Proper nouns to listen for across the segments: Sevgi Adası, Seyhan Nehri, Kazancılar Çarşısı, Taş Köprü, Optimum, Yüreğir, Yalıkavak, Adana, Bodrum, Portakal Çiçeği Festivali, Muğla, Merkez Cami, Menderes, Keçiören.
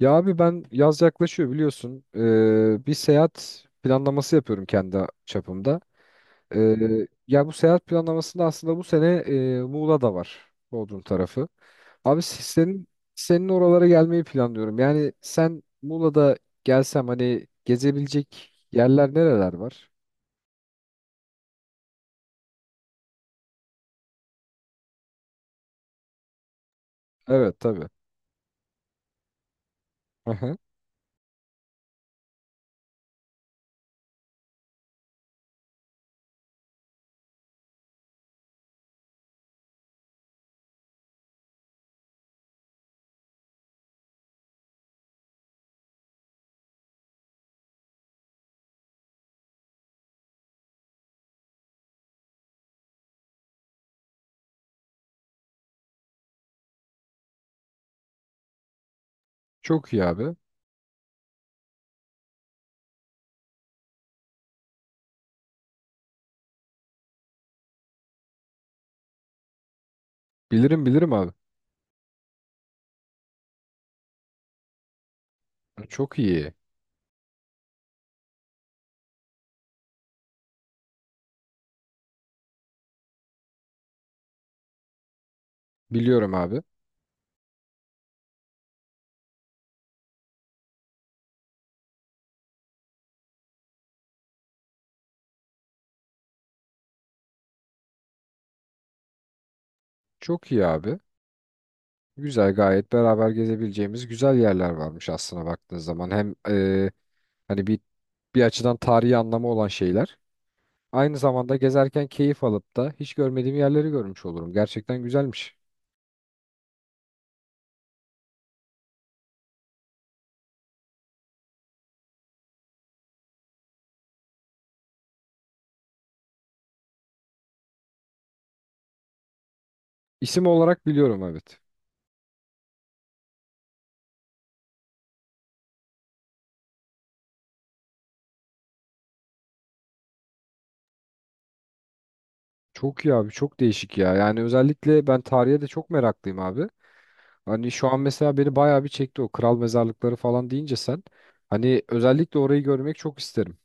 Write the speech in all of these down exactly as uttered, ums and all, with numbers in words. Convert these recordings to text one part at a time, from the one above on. Ya abi ben yaz yaklaşıyor biliyorsun. Ee, bir seyahat planlaması yapıyorum kendi çapımda. Ee, ya bu seyahat planlamasında aslında bu sene e, Muğla da var. Bodrum tarafı. Abi senin senin oralara gelmeyi planlıyorum. Yani sen Muğla'da gelsem hani gezebilecek yerler nereler var? Evet, tabii. Aha. Çok iyi abi. Bilirim bilirim abi. Çok iyi. Biliyorum abi. Çok iyi abi. Güzel, gayet beraber gezebileceğimiz güzel yerler varmış aslına baktığınız zaman. Hem e, hani bir bir açıdan tarihi anlamı olan şeyler. Aynı zamanda gezerken keyif alıp da hiç görmediğim yerleri görmüş olurum. Gerçekten güzelmiş. İsim olarak biliyorum, evet. Çok iyi abi, çok değişik ya. Yani özellikle ben tarihe de çok meraklıyım abi. Hani şu an mesela beni bayağı bir çekti o kral mezarlıkları falan deyince sen. Hani özellikle orayı görmek çok isterim.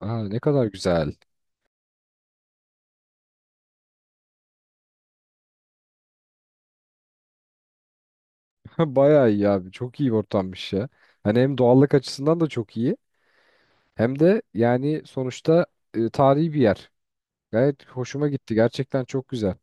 Aa, ne kadar güzel. Ha, bayağı iyi abi. Çok iyi bir ortammış ya. Hani hem doğallık açısından da çok iyi. Hem de yani sonuçta e, tarihi bir yer. Gayet hoşuma gitti. Gerçekten çok güzel.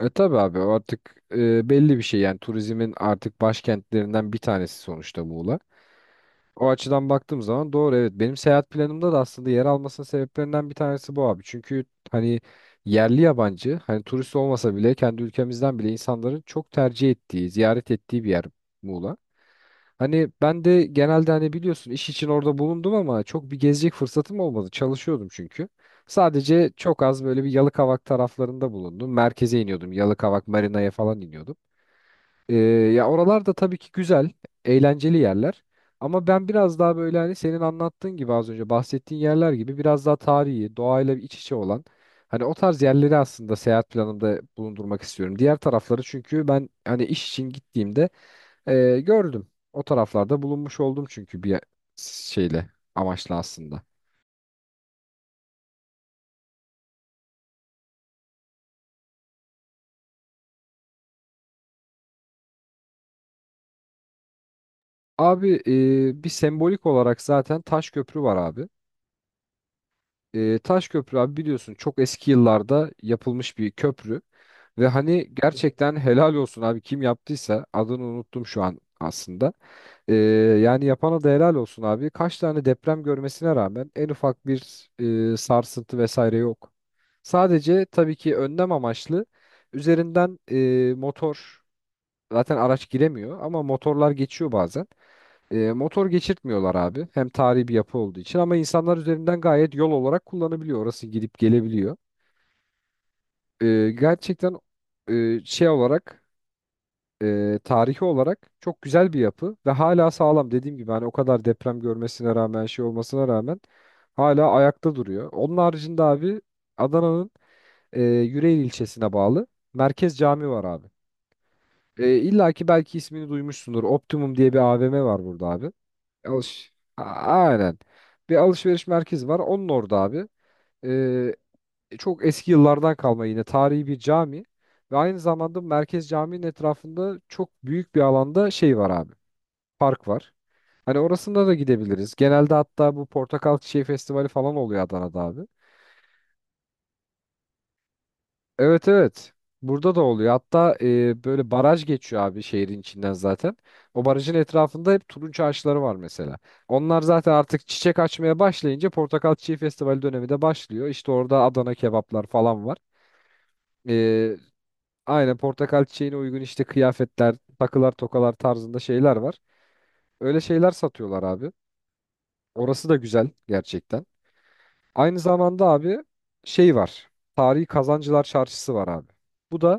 E tabi abi, o artık e, belli bir şey, yani turizmin artık başkentlerinden bir tanesi sonuçta Muğla. O açıdan baktığım zaman doğru, evet. Benim seyahat planımda da aslında yer almasının sebeplerinden bir tanesi bu abi. Çünkü hani yerli yabancı hani turist olmasa bile kendi ülkemizden bile insanların çok tercih ettiği, ziyaret ettiği bir yer Muğla. Hani ben de genelde hani biliyorsun iş için orada bulundum ama çok bir gezecek fırsatım olmadı. Çalışıyordum çünkü. Sadece çok az böyle bir Yalıkavak taraflarında bulundum. Merkeze iniyordum. Yalıkavak, Marina'ya falan iniyordum. Ee, Ya oralar da tabii ki güzel, eğlenceli yerler. Ama ben biraz daha böyle hani senin anlattığın gibi az önce bahsettiğin yerler gibi biraz daha tarihi, doğayla iç içe olan hani o tarz yerleri aslında seyahat planımda bulundurmak istiyorum. Diğer tarafları çünkü ben hani iş için gittiğimde e, gördüm. O taraflarda bulunmuş oldum çünkü bir şeyle amaçla aslında. Abi e, bir sembolik olarak zaten Taş Köprü var abi. E, Taş Köprü abi biliyorsun çok eski yıllarda yapılmış bir köprü. Ve hani gerçekten helal olsun abi kim yaptıysa adını unuttum şu an aslında. E, Yani yapana da helal olsun abi. Kaç tane deprem görmesine rağmen en ufak bir e, sarsıntı vesaire yok. Sadece tabii ki önlem amaçlı üzerinden e, motor zaten araç giremiyor ama motorlar geçiyor bazen. E, motor geçirtmiyorlar abi. Hem tarihi bir yapı olduğu için ama insanlar üzerinden gayet yol olarak kullanabiliyor. Orası gidip gelebiliyor. E, Gerçekten e, şey olarak e, tarihi olarak çok güzel bir yapı ve hala sağlam. Dediğim gibi hani o kadar deprem görmesine rağmen şey olmasına rağmen hala ayakta duruyor. Onun haricinde abi Adana'nın e, Yüreğir ilçesine bağlı Merkez Cami var abi. E, illa ki belki ismini duymuşsundur. Optimum diye bir a v m var burada abi. Alış. A- Aynen. Bir alışveriş merkezi var. Onun orada abi. Ee, Çok eski yıllardan kalma yine tarihi bir cami ve aynı zamanda merkez caminin etrafında çok büyük bir alanda şey var abi. Park var. Hani orasında da gidebiliriz. Genelde hatta bu portakal çiçeği festivali falan oluyor Adana'da abi. Evet, evet. Burada da oluyor. Hatta e, böyle baraj geçiyor abi şehrin içinden zaten. O barajın etrafında hep turunç ağaçları var mesela. Onlar zaten artık çiçek açmaya başlayınca Portakal Çiçeği Festivali dönemi de başlıyor. İşte orada Adana kebaplar falan var. E, aynen portakal çiçeğine uygun işte kıyafetler, takılar, tokalar tarzında şeyler var. Öyle şeyler satıyorlar abi. Orası da güzel gerçekten. Aynı zamanda abi şey var. Tarihi Kazancılar Çarşısı var abi. Bu da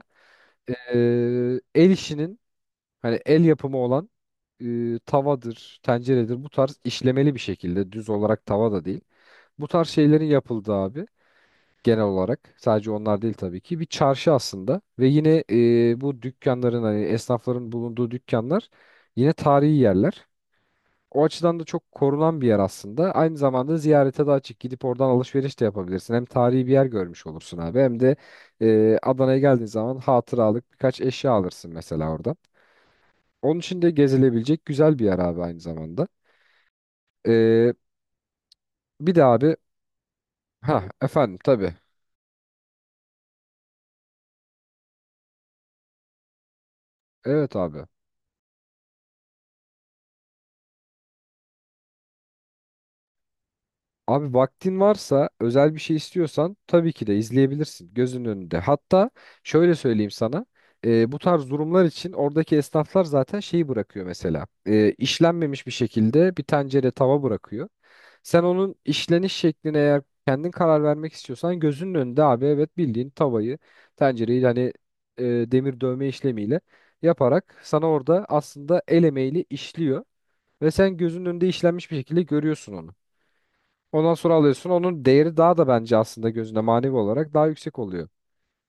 e, el işinin, hani el yapımı olan e, tavadır, tenceredir, bu tarz işlemeli bir şekilde düz olarak tava da değil. Bu tarz şeylerin yapıldığı abi, genel olarak sadece onlar değil tabii ki, bir çarşı aslında ve yine e, bu dükkanların, hani esnafların bulunduğu dükkanlar yine tarihi yerler. O açıdan da çok korunan bir yer aslında. Aynı zamanda ziyarete de açık. Gidip oradan alışveriş de yapabilirsin. Hem tarihi bir yer görmüş olursun abi, hem de e, Adana'ya geldiğin zaman hatıralık birkaç eşya alırsın mesela orada. Onun için de gezilebilecek güzel bir yer abi aynı zamanda. Ee, Bir de abi, ha efendim, tabii. Evet abi. Abi vaktin varsa özel bir şey istiyorsan tabii ki de izleyebilirsin gözünün önünde. Hatta şöyle söyleyeyim sana. E, bu tarz durumlar için oradaki esnaflar zaten şeyi bırakıyor mesela. E, işlenmemiş bir şekilde bir tencere tava bırakıyor. Sen onun işleniş şekline eğer kendin karar vermek istiyorsan gözünün önünde abi, evet, bildiğin tavayı, tencereyi hani e, demir dövme işlemiyle yaparak sana orada aslında el emeğiyle işliyor ve sen gözünün önünde işlenmiş bir şekilde görüyorsun onu. Ondan sonra alıyorsun, onun değeri daha da bence aslında gözünde manevi olarak daha yüksek oluyor.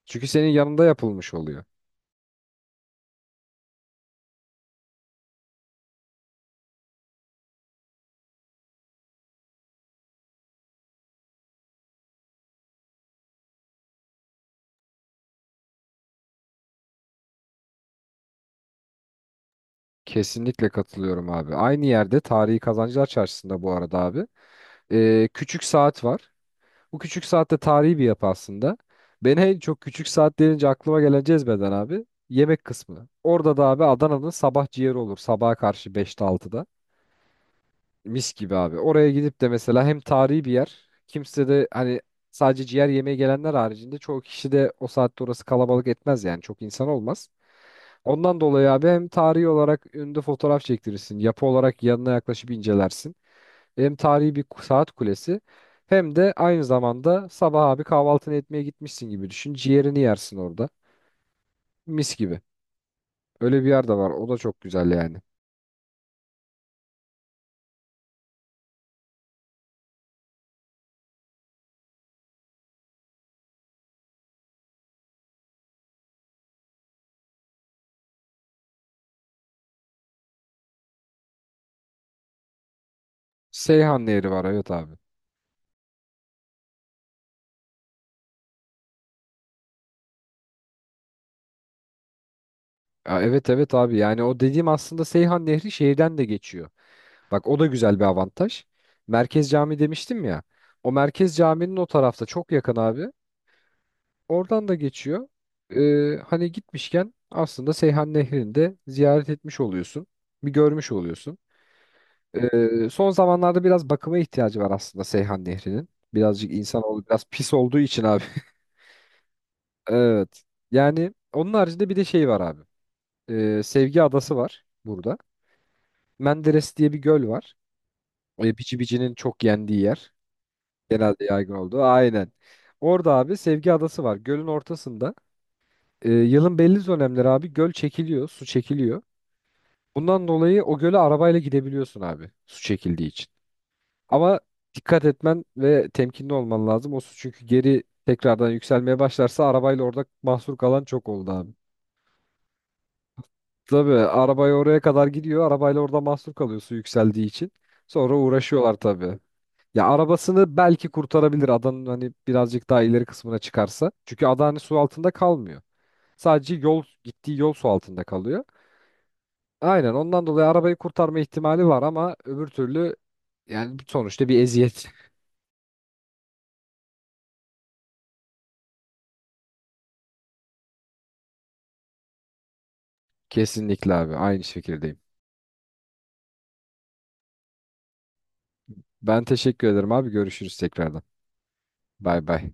Çünkü senin yanında yapılmış oluyor. Kesinlikle katılıyorum abi. Aynı yerde Tarihi Kazancılar Çarşısı'nda bu arada abi, e, küçük saat var. Bu küçük saatte tarihi bir yapı aslında. Beni en çok küçük saat denince aklıma gelen cezbeden abi yemek kısmı. Orada da abi Adana'nın sabah ciğeri olur. Sabaha karşı beşte altıda mis gibi abi. Oraya gidip de mesela hem tarihi bir yer. Kimse de hani sadece ciğer yemeye gelenler haricinde, çoğu kişi de o saatte orası kalabalık etmez yani. Çok insan olmaz. Ondan dolayı abi hem tarihi olarak önünde fotoğraf çektirirsin. Yapı olarak yanına yaklaşıp incelersin. Hem tarihi bir ku- saat kulesi, hem de aynı zamanda sabah abi kahvaltını etmeye gitmişsin gibi düşün. Ciğerini yersin orada. Mis gibi. Öyle bir yer de var. O da çok güzel yani. Seyhan Nehri var, evet abi. Ya evet, evet abi. Yani o dediğim aslında Seyhan Nehri şehirden de geçiyor. Bak o da güzel bir avantaj. Merkez Cami demiştim ya. O Merkez Cami'nin o tarafta çok yakın abi. Oradan da geçiyor. Ee, hani gitmişken aslında Seyhan Nehri'ni de ziyaret etmiş oluyorsun. Bir görmüş oluyorsun. Ee, son zamanlarda biraz bakıma ihtiyacı var aslında Seyhan Nehri'nin. Birazcık insanoğlu biraz pis olduğu için abi. Evet. Yani onun haricinde bir de şey var abi. Ee, Sevgi Adası var burada. Menderes diye bir göl var. Ee, Bici Bici'nin çok yendiği yer. Genelde yaygın olduğu. Aynen. Orada abi Sevgi Adası var. Gölün ortasında. Ee, yılın belli dönemleri abi göl çekiliyor. Su çekiliyor. Bundan dolayı o göle arabayla gidebiliyorsun abi. Su çekildiği için. Ama dikkat etmen ve temkinli olman lazım. O su çünkü geri tekrardan yükselmeye başlarsa arabayla orada mahsur kalan çok oldu abi. Tabii arabayı oraya kadar gidiyor. Arabayla orada mahsur kalıyor su yükseldiği için. Sonra uğraşıyorlar tabii. Ya arabasını belki kurtarabilir adanın hani birazcık daha ileri kısmına çıkarsa. Çünkü ada hani su altında kalmıyor. Sadece yol, gittiği yol su altında kalıyor. Aynen, ondan dolayı arabayı kurtarma ihtimali var ama öbür türlü yani sonuçta bir eziyet. Kesinlikle abi, aynı şekilde. Ben teşekkür ederim abi. Görüşürüz tekrardan. Bay bay.